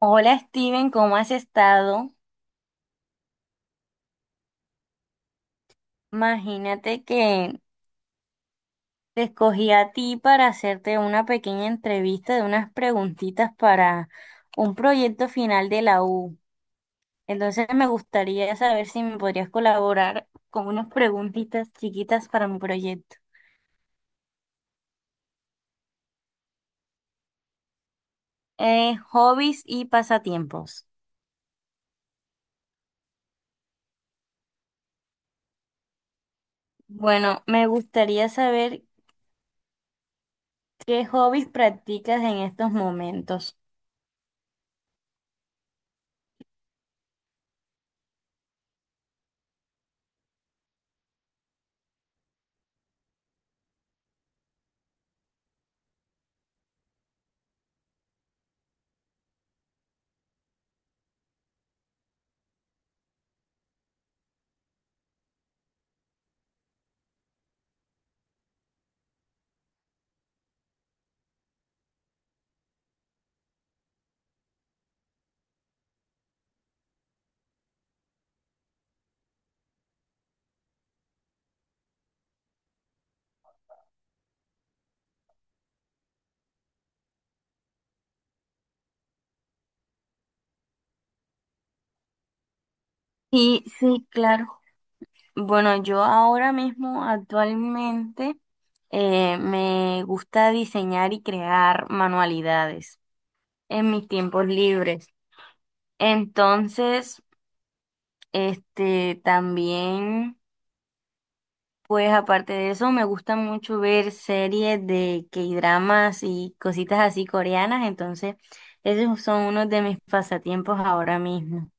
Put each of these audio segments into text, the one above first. Hola Steven, ¿cómo has estado? Imagínate que te escogí a ti para hacerte una pequeña entrevista de unas preguntitas para un proyecto final de la U. Entonces me gustaría saber si me podrías colaborar con unas preguntitas chiquitas para mi proyecto. Hobbies y pasatiempos. Bueno, me gustaría saber qué hobbies practicas en estos momentos. Sí, sí, claro. Bueno, yo ahora mismo actualmente me gusta diseñar y crear manualidades en mis tiempos libres. Entonces, este también, pues aparte de eso, me gusta mucho ver series de K-dramas y cositas así coreanas. Entonces, esos son unos de mis pasatiempos ahora mismo.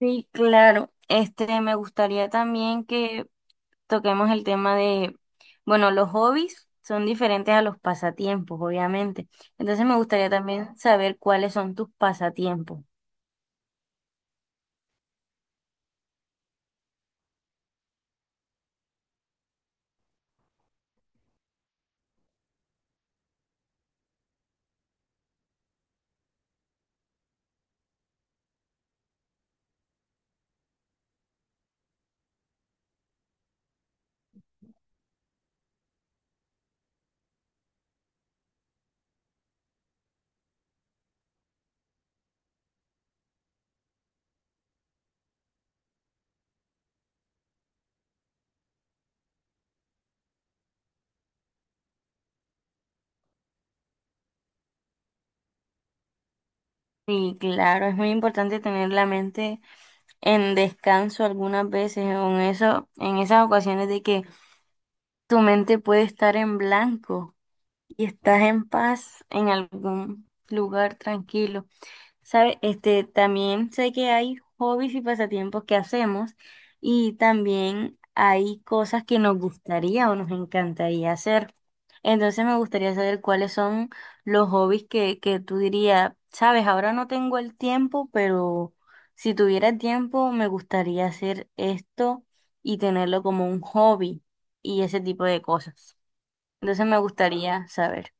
Sí, claro. Este, me gustaría también que toquemos el tema de, bueno, los hobbies son diferentes a los pasatiempos, obviamente. Entonces me gustaría también saber cuáles son tus pasatiempos. Sí, claro, es muy importante tener la mente en descanso algunas veces, en eso, en esas ocasiones de que tu mente puede estar en blanco y estás en paz en algún lugar tranquilo. ¿Sabe? Este, también sé que hay hobbies y pasatiempos que hacemos y también hay cosas que nos gustaría o nos encantaría hacer. Entonces me gustaría saber cuáles son los hobbies que tú dirías, sabes, ahora no tengo el tiempo, pero si tuviera tiempo me gustaría hacer esto y tenerlo como un hobby y ese tipo de cosas. Entonces me gustaría saber.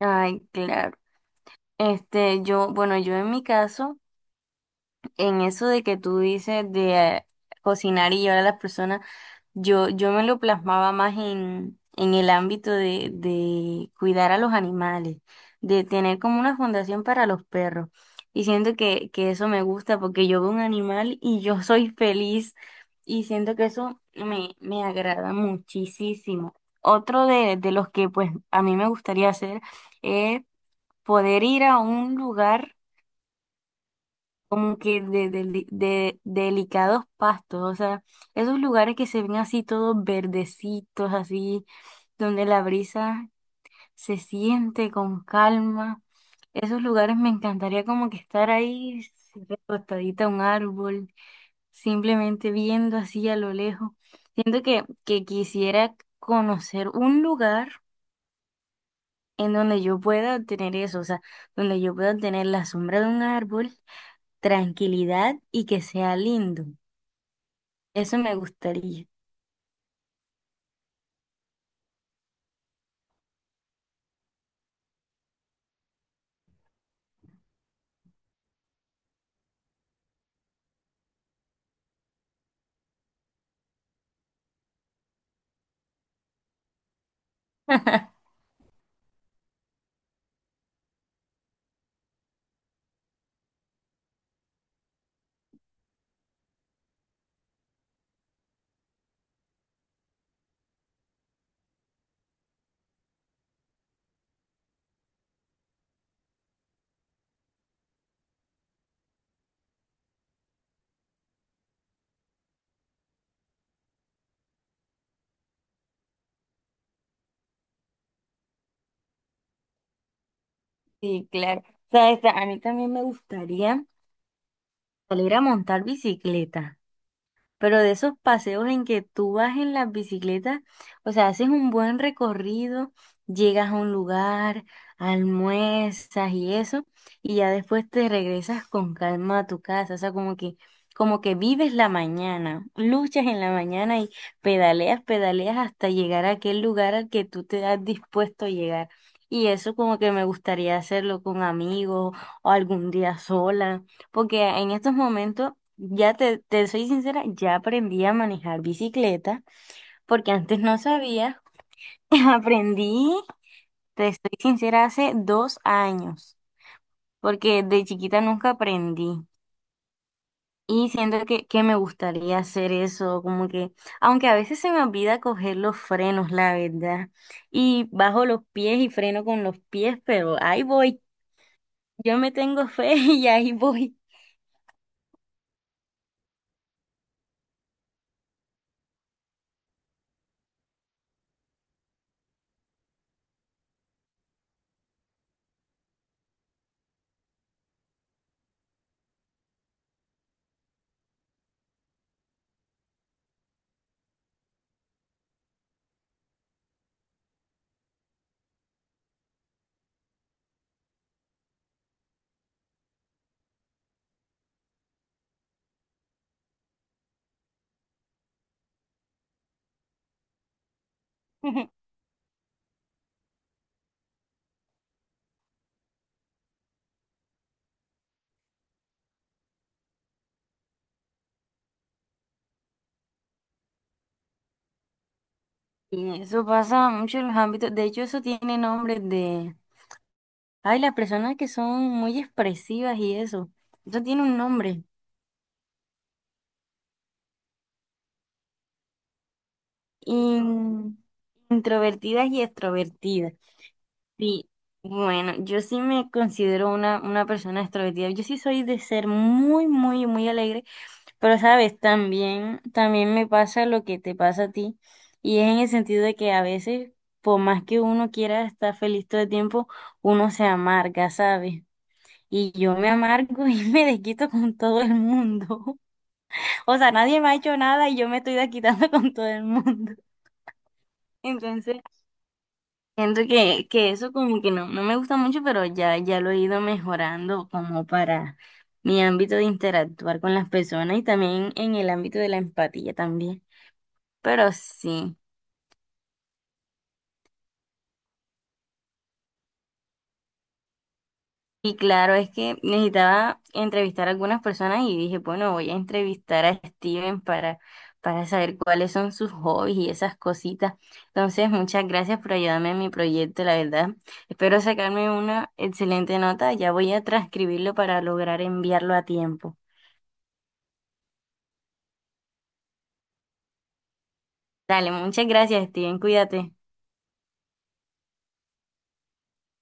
Ay, claro. Este, yo, bueno, yo en mi caso... En eso de que tú dices de cocinar y llevar a las personas, yo me lo plasmaba más en el ámbito de cuidar a los animales, de tener como una fundación para los perros. Y siento que eso me gusta porque yo veo un animal y yo soy feliz y siento que eso me, me agrada muchísimo. Otro de los que pues a mí me gustaría hacer es poder ir a un lugar como que de, de delicados pastos, o sea, esos lugares que se ven así todos verdecitos, así, donde la brisa se siente con calma. Esos lugares me encantaría como que estar ahí recostadita a un árbol, simplemente viendo así a lo lejos. Siento que quisiera conocer un lugar en donde yo pueda tener eso, o sea, donde yo pueda tener la sombra de un árbol, tranquilidad y que sea lindo. Eso me gustaría. Sí, claro. ¿Sabes? A mí también me gustaría salir a montar bicicleta. Pero de esos paseos en que tú vas en las bicicletas, o sea, haces un buen recorrido, llegas a un lugar, almuerzas y eso, y ya después te regresas con calma a tu casa, o sea, como que vives la mañana, luchas en la mañana y pedaleas, pedaleas hasta llegar a aquel lugar al que tú te has dispuesto a llegar. Y eso como que me gustaría hacerlo con amigos o algún día sola, porque en estos momentos ya te soy sincera, ya aprendí a manejar bicicleta porque antes no sabía. Aprendí, te estoy sincera, hace 2 años porque de chiquita nunca aprendí y siento que me gustaría hacer eso, como que, aunque a veces se me olvida coger los frenos, la verdad, y bajo los pies y freno con los pies, pero ahí voy, yo me tengo fe y ahí voy. Y eso pasa mucho en los ámbitos, de hecho eso tiene nombre de... Ay, las personas que son muy expresivas y eso. Eso tiene un nombre. In- Introvertidas y extrovertidas. Sí, bueno, yo sí me considero una persona extrovertida. Yo sí soy de ser muy, muy, muy alegre. Pero, sabes, también, también me pasa lo que te pasa a ti. Y es en el sentido de que a veces, por más que uno quiera estar feliz todo el tiempo, uno se amarga, ¿sabes? Y yo me amargo y me desquito con todo el mundo. O sea, nadie me ha hecho nada y yo me estoy desquitando con todo el mundo. Entonces, siento que eso como que no, no me gusta mucho, pero ya, ya lo he ido mejorando como para mi ámbito de interactuar con las personas y también en el ámbito de la empatía también. Pero sí. Y claro, es que necesitaba entrevistar a algunas personas y dije, bueno, voy a entrevistar a Steven para saber cuáles son sus hobbies y esas cositas. Entonces, muchas gracias por ayudarme en mi proyecto, la verdad. Espero sacarme una excelente nota. Ya voy a transcribirlo para lograr enviarlo a tiempo. Dale, muchas gracias, Steven. Cuídate.